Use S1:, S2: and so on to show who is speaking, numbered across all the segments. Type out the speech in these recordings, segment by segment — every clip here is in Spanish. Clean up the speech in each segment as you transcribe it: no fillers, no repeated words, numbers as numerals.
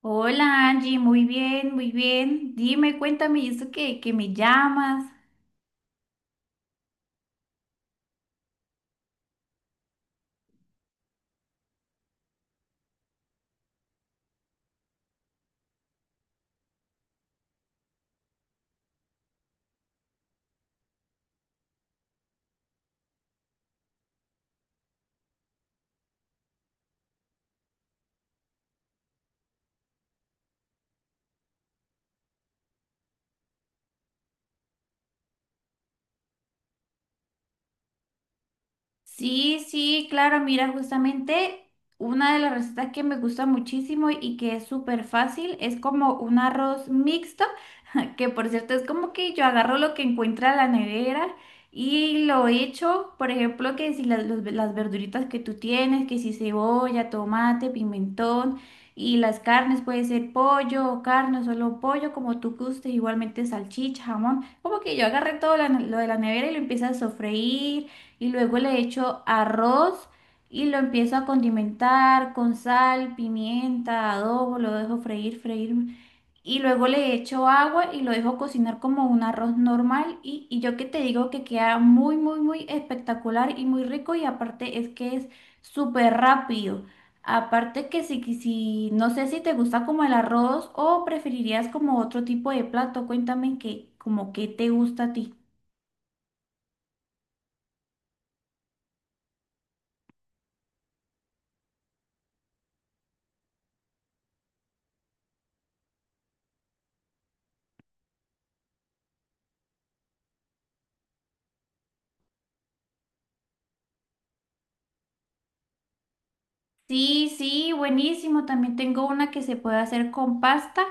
S1: Hola Angie, muy bien, muy bien. Dime, cuéntame, ¿y eso que me llamas? Sí, sí, claro, mira, justamente una de las recetas que me gusta muchísimo y que es súper fácil es como un arroz mixto que por cierto es como que yo agarro lo que encuentra la nevera y lo echo, por ejemplo, que si las verduritas que tú tienes, que si cebolla, tomate, pimentón y las carnes, puede ser pollo o carne, o solo pollo, como tú gustes, igualmente salchicha, jamón, como que yo agarré todo lo de la nevera y lo empiezo a sofreír y luego le echo arroz. Y lo empiezo a condimentar con sal, pimienta, adobo, lo dejo freír, freír y luego le echo agua y lo dejo cocinar como un arroz normal y yo que te digo que queda muy, muy, muy espectacular y muy rico y aparte es que es súper rápido. Aparte que si, si no sé si te gusta como el arroz o preferirías como otro tipo de plato, cuéntame que como qué te gusta a ti. Sí, sí, buenísimo. También tengo una que se puede hacer con pasta,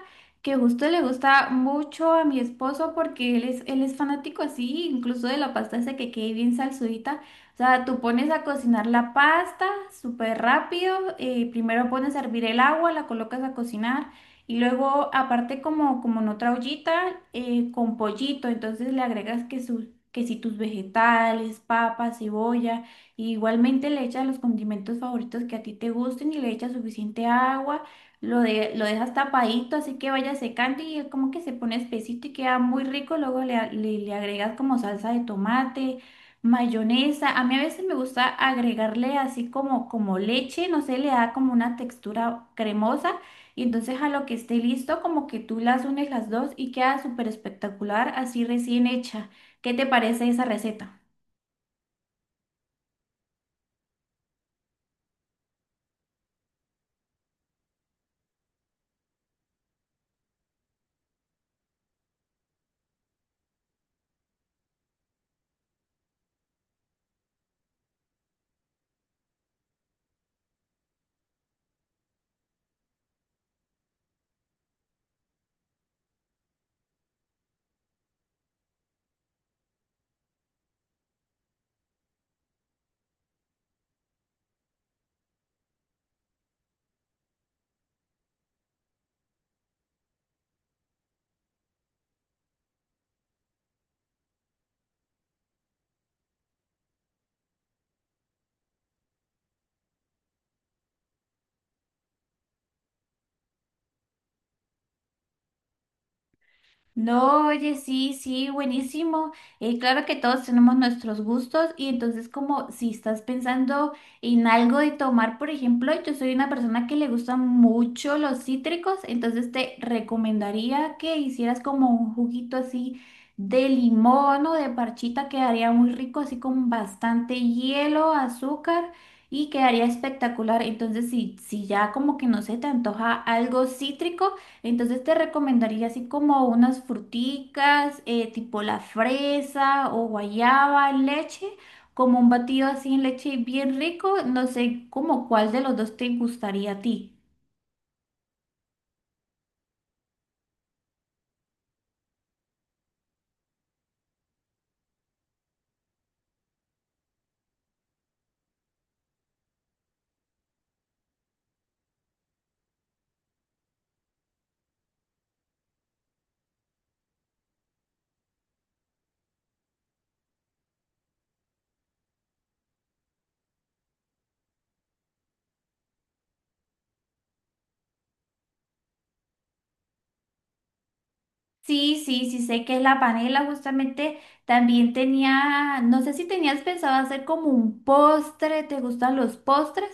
S1: que justo le gusta mucho a mi esposo porque él es fanático así, incluso de la pasta esa que quede bien salsudita. O sea, tú pones a cocinar la pasta súper rápido, primero pones a hervir el agua, la colocas a cocinar y luego aparte como, como en otra ollita con pollito, entonces le agregas que, su, que si tus vegetales, papas, cebolla. Y igualmente le echas los condimentos favoritos que a ti te gusten y le echas suficiente agua, lo, de, lo dejas tapadito, así que vaya secando y como que se pone espesito y queda muy rico. Luego le agregas como salsa de tomate, mayonesa. A mí a veces me gusta agregarle así como, como leche, no sé, le da como una textura cremosa. Y entonces a lo que esté listo, como que tú las unes las dos y queda súper espectacular, así recién hecha. ¿Qué te parece esa receta? No, oye, sí, sí, buenísimo. Claro que todos tenemos nuestros gustos y entonces como si estás pensando en algo de tomar, por ejemplo, yo soy una persona que le gustan mucho los cítricos, entonces te recomendaría que hicieras como un juguito así de limón o de parchita, quedaría muy rico, así con bastante hielo, azúcar y quedaría espectacular. Entonces, si, si ya como que no se te antoja algo cítrico, entonces te recomendaría así como unas fruticas, tipo la fresa o guayaba, leche, como un batido así en leche bien rico. No sé como cuál de los dos te gustaría a ti. Sí, sí, sí, sé que es la panela, justamente también tenía, no sé si tenías pensado hacer como un postre, ¿te gustan los postres?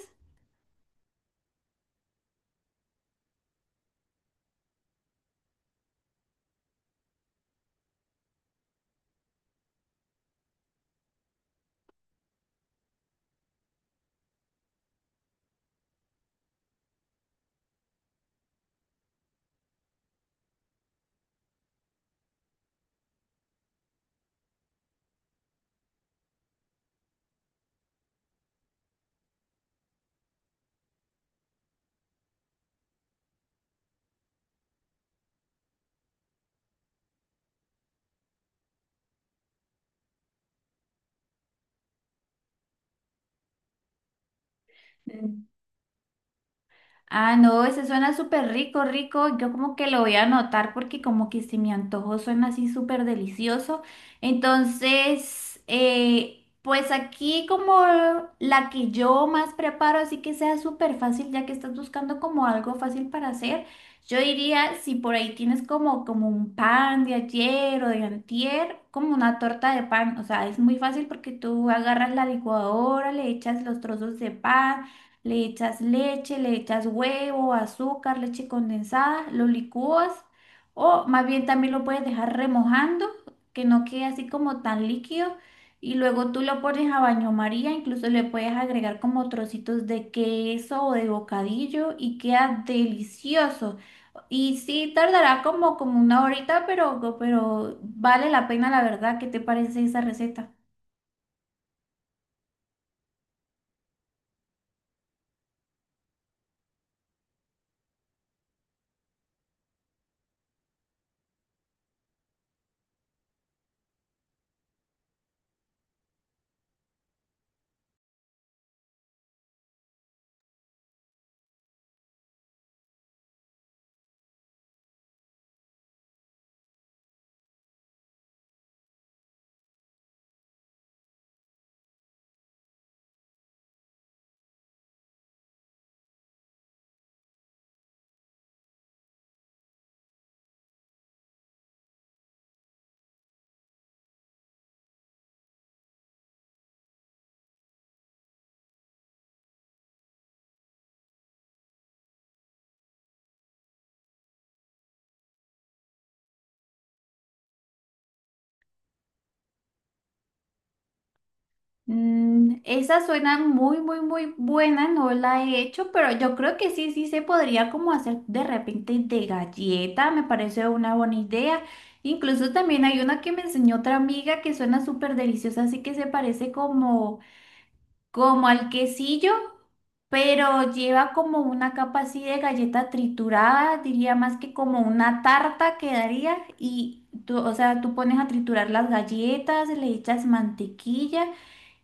S1: Ah, no, ese suena súper rico, rico. Yo como que lo voy a anotar porque como que se me antojó, suena así súper delicioso. Entonces, pues aquí como la que yo más preparo, así que sea súper fácil, ya que estás buscando como algo fácil para hacer, yo diría si por ahí tienes como un pan de ayer o de antier, como una torta de pan. O sea, es muy fácil porque tú agarras la licuadora, le echas los trozos de pan. Le echas leche, le echas huevo, azúcar, leche condensada, lo licúas o más bien también lo puedes dejar remojando, que no quede así como tan líquido y luego tú lo pones a baño María, incluso le puedes agregar como trocitos de queso o de bocadillo y queda delicioso. Y sí, tardará como una horita, pero vale la pena la verdad. ¿Qué te parece esa receta? Mm, esa suena muy, muy, muy buena, no la he hecho, pero yo creo que sí, sí se podría como hacer de repente de galleta, me parece una buena idea. Incluso también hay una que me enseñó otra amiga que suena súper deliciosa, así que se parece como al quesillo, pero lleva como una capa así de galleta triturada, diría más que como una tarta quedaría y tú, o sea, tú pones a triturar las galletas, le echas mantequilla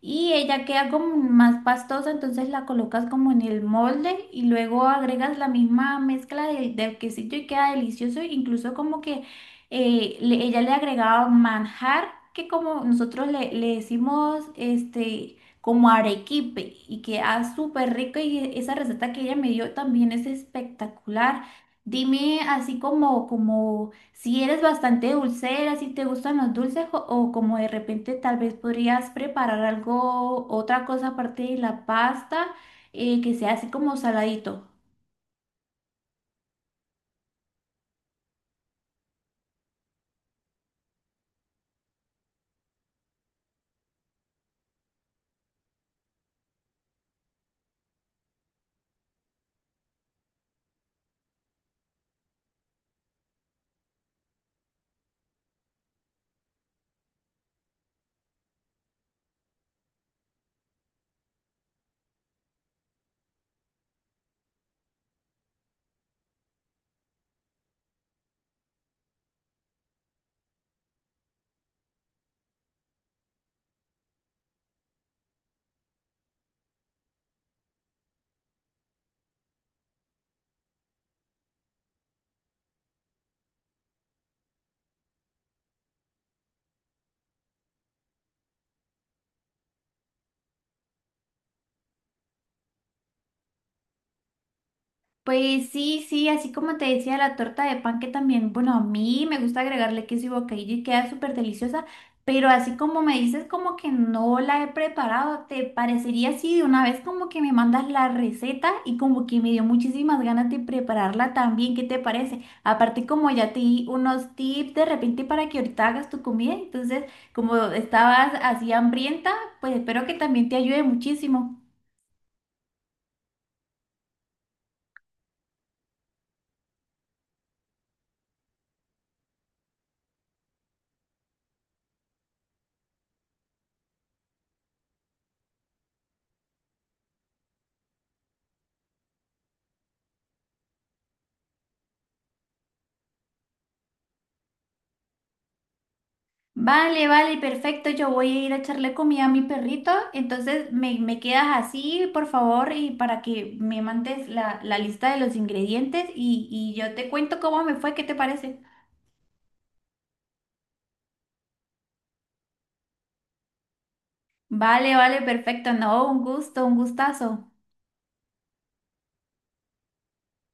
S1: y ella queda como más pastosa, entonces la colocas como en el molde y luego agregas la misma mezcla del quesillo y queda delicioso, incluso como que ella le agregaba manjar que como nosotros le decimos este como arequipe y queda súper rico y esa receta que ella me dio también es espectacular. Dime así como, como si eres bastante dulcera, si te gustan los dulces o como de repente tal vez podrías preparar algo, otra cosa aparte de la pasta, que sea así como saladito. Pues sí, sí, así como te decía, la torta de pan que también, bueno, a mí me gusta agregarle queso y bocadillo y queda súper deliciosa, pero así como me dices como que no la he preparado, ¿te parecería así de una vez como que me mandas la receta y como que me dio muchísimas ganas de prepararla también? ¿Qué te parece? Aparte como ya te di unos tips de repente para que ahorita hagas tu comida, entonces como estabas así hambrienta, pues espero que también te ayude muchísimo. Vale, vale, perfecto. Yo voy a ir a echarle comida a mi perrito. Entonces me quedas así, por favor, y para que me mandes la lista de los ingredientes y yo te cuento cómo me fue, ¿qué te parece? Vale, vale, perfecto. No, un gusto, un gustazo.